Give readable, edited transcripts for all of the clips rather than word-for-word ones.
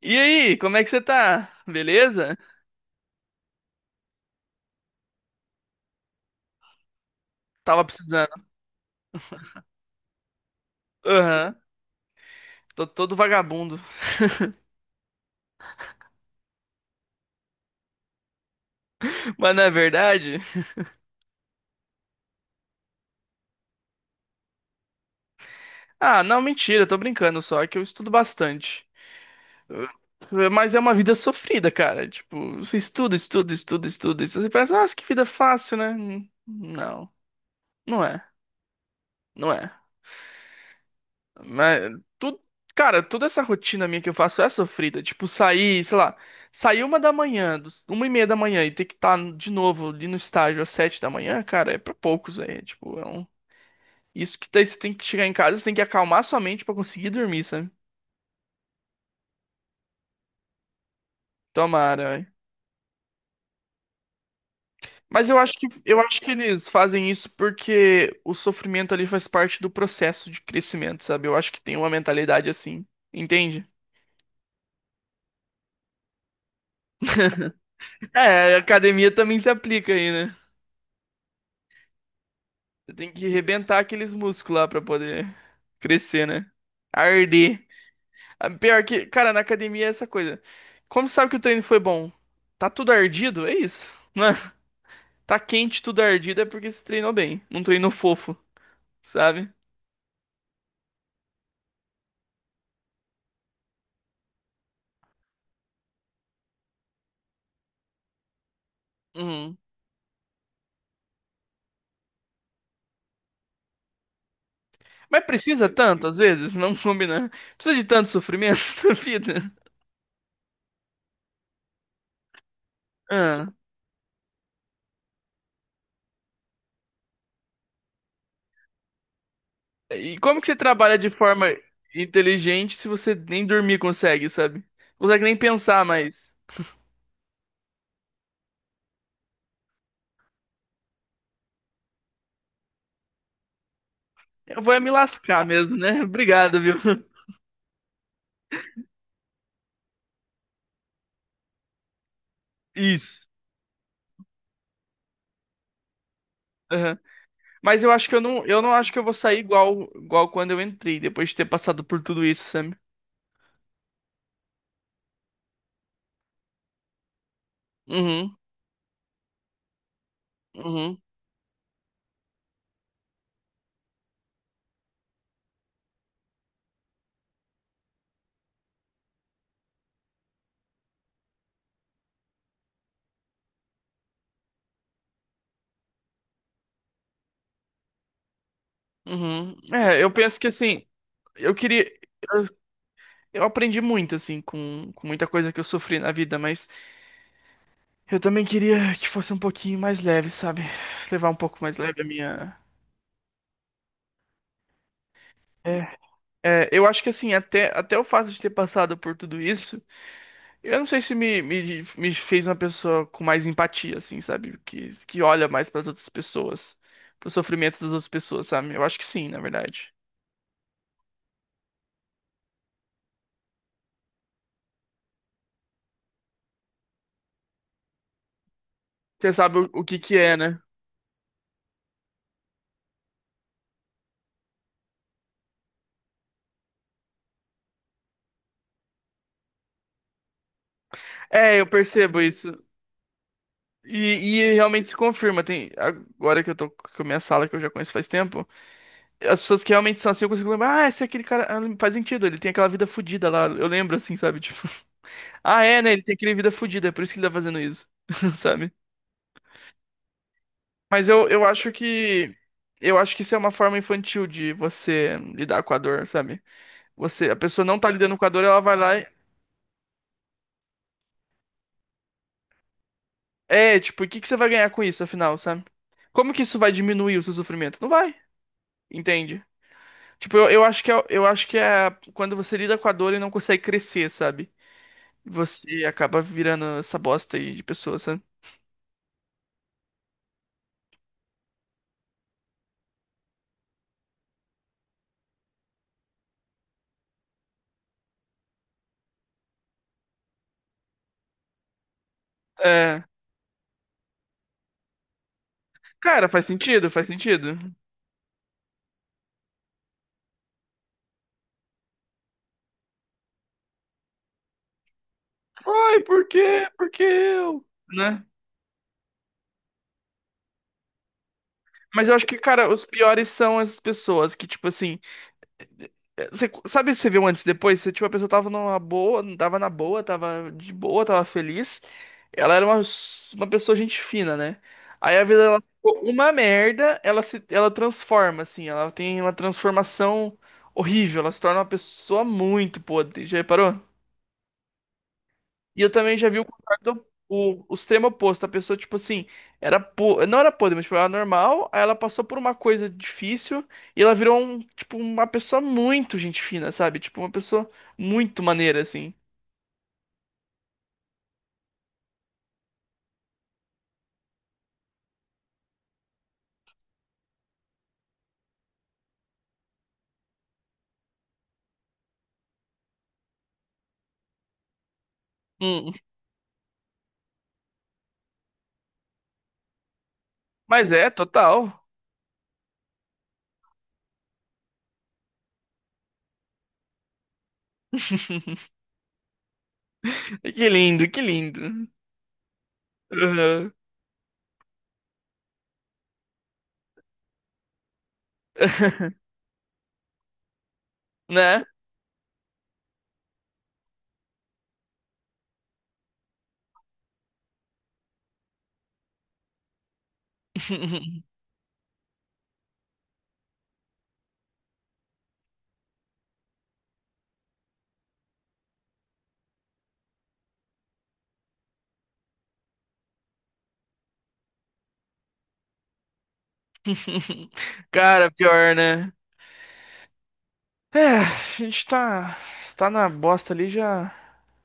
E aí, como é que você tá? Beleza? Tava precisando. Aham. Tô todo vagabundo. Mas não é verdade? Ah, não, mentira, tô brincando só, é que eu estudo bastante. Eu- Mas é uma vida sofrida, cara. Tipo, você estuda, estuda, estuda, estuda. E você pensa, nossa, que vida fácil, né? Não, não é. Não é. Mas, tudo, cara, toda essa rotina minha que eu faço é sofrida. Tipo, sair, sei lá, sair uma da manhã, uma e meia da manhã e ter que estar de novo ali no estágio às sete da manhã, cara, é pra poucos, velho. Tipo, é um... Isso que daí você tem que chegar em casa, você tem que acalmar sua mente pra conseguir dormir, sabe? Tomara, velho. Mas eu acho que eles fazem isso porque o sofrimento ali faz parte do processo de crescimento, sabe? Eu acho que tem uma mentalidade assim, entende? É, a academia também se aplica aí, né? Você tem que rebentar aqueles músculos lá pra poder crescer, né? Arder. Ah, pior que, cara, na academia é essa coisa. Como sabe que o treino foi bom? Tá tudo ardido? É isso. Não é? Tá quente, tudo ardido é porque você treinou bem. Não treinou fofo, sabe? Uhum. Mas precisa tanto, às vezes, Não combinar. Precisa de tanto sofrimento na vida. Ah. E como que você trabalha de forma inteligente se você nem dormir consegue, sabe? Não consegue nem pensar mais. Eu vou é me lascar mesmo, né? Obrigado, viu? Isso. Aham. Mas eu acho que eu não acho que eu vou sair igual, igual quando eu entrei, depois de ter passado por tudo isso, sabe. Uhum, uhum, uhum. É, eu penso que assim, eu queria. Eu, eu aprendi muito, assim, com muita coisa que eu sofri na vida, mas eu também queria que fosse um pouquinho mais leve, sabe? Levar um pouco mais leve a minha. É, é, eu acho que assim, até o fato de ter passado por tudo isso. Eu não sei se me fez uma pessoa com mais empatia, assim, sabe? Que olha mais para as outras pessoas, pro sofrimento das outras pessoas, sabe? Eu acho que sim, na verdade. Você sabe o que que é, né? É, eu percebo isso. E realmente se confirma. Tem, agora que eu tô com a minha sala, que eu já conheço faz tempo, as pessoas que realmente são assim, eu consigo lembrar, ah, esse é aquele cara, ah, faz sentido, ele tem aquela vida fudida lá. Eu lembro, assim, sabe? Tipo, ah, é, né? Ele tem aquele vida fudida, é por isso que ele tá fazendo isso, sabe? Mas eu acho que isso é uma forma infantil de você lidar com a dor, sabe? Você, a pessoa não tá lidando com a dor, ela vai lá e é, tipo, o que que você vai ganhar com isso, afinal, sabe? Como que isso vai diminuir o seu sofrimento? Não vai, entende? Tipo, eu acho que é, eu acho que é quando você lida com a dor e não consegue crescer, sabe? Você acaba virando essa bosta aí de pessoa, sabe? É, cara, faz sentido, faz sentido. Ai, por quê? Por que eu? Né? Mas eu acho que, cara, os piores são essas pessoas que, tipo assim. Você, sabe, você viu antes e depois? Você, tipo, a pessoa tava numa boa, tava na boa, tava de boa, tava feliz. Ela era uma pessoa gente fina, né? Aí a vida dela ficou uma merda, ela se, ela transforma, assim, ela tem uma transformação horrível, ela se torna uma pessoa muito podre. Já reparou? E eu também já vi o contrário do o extremo oposto. A pessoa, tipo assim, era po... não era podre, mas tipo, era normal. Aí ela passou por uma coisa difícil e ela virou um, tipo, uma pessoa muito gente fina, sabe? Tipo, uma pessoa muito maneira, assim. Hum. Mas é, total. Que lindo, que lindo. Uhum. Né? Cara, pior, né? É, a gente tá na bosta ali, já,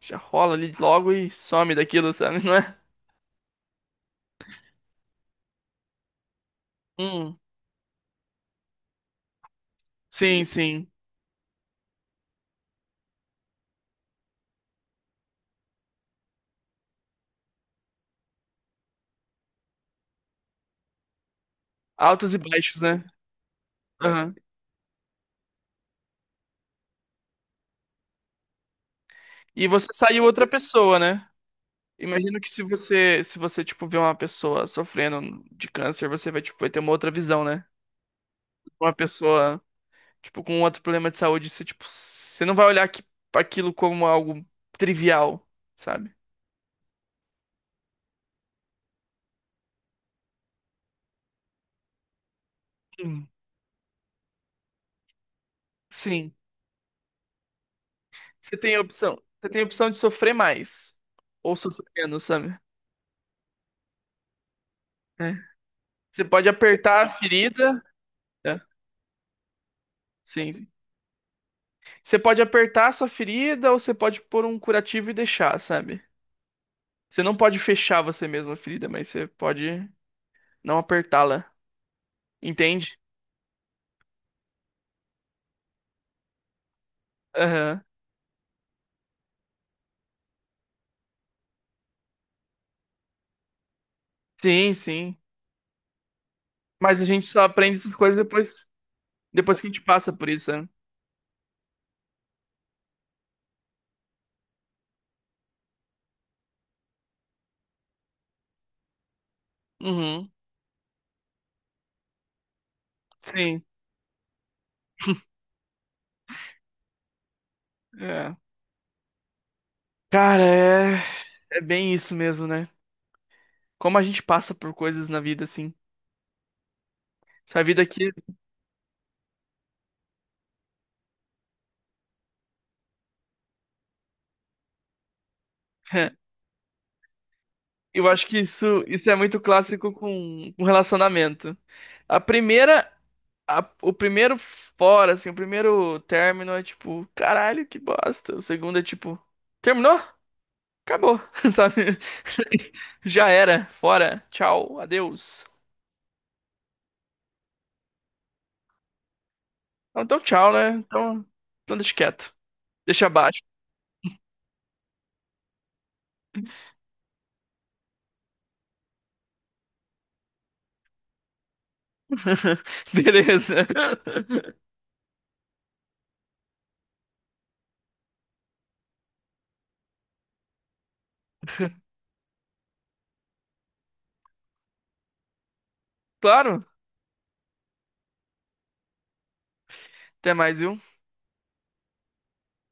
já rola ali logo e some daquilo, sabe? Não é? Hum, sim, sim. Altos e baixos, né? Aham. E você saiu outra pessoa, né? Imagino que se você, tipo, vê uma pessoa sofrendo de câncer, você vai, tipo, vai ter uma outra visão, né? Uma pessoa, tipo, com outro problema de saúde, você, tipo, você não vai olhar aqui, aquilo como algo trivial, sabe? Hum, Sim. Você tem a opção. Você tem a opção de sofrer mais ou sofrer menos, sabe? É. Você pode apertar a ferida. É. Sim. Você pode apertar a sua ferida ou você pode pôr um curativo e deixar, sabe? Você não pode fechar você mesmo a ferida, mas você pode não apertá-la. Entende? Aham. Sim, sim. Mas a gente só aprende essas coisas depois, depois que a gente passa por isso, né? Uhum. Sim. É. Cara, é... é bem isso mesmo, né? Como a gente passa por coisas na vida, assim. Essa vida aqui. Eu acho que isso é muito clássico com relacionamento. A primeira o primeiro fora, assim, o primeiro término é tipo, caralho, que bosta. O segundo é tipo, terminou? Acabou, sabe? Já era, fora, tchau, adeus. Ah, então, tchau, né? Então deixa quieto. Deixa abaixo. Beleza. Claro, até mais, viu?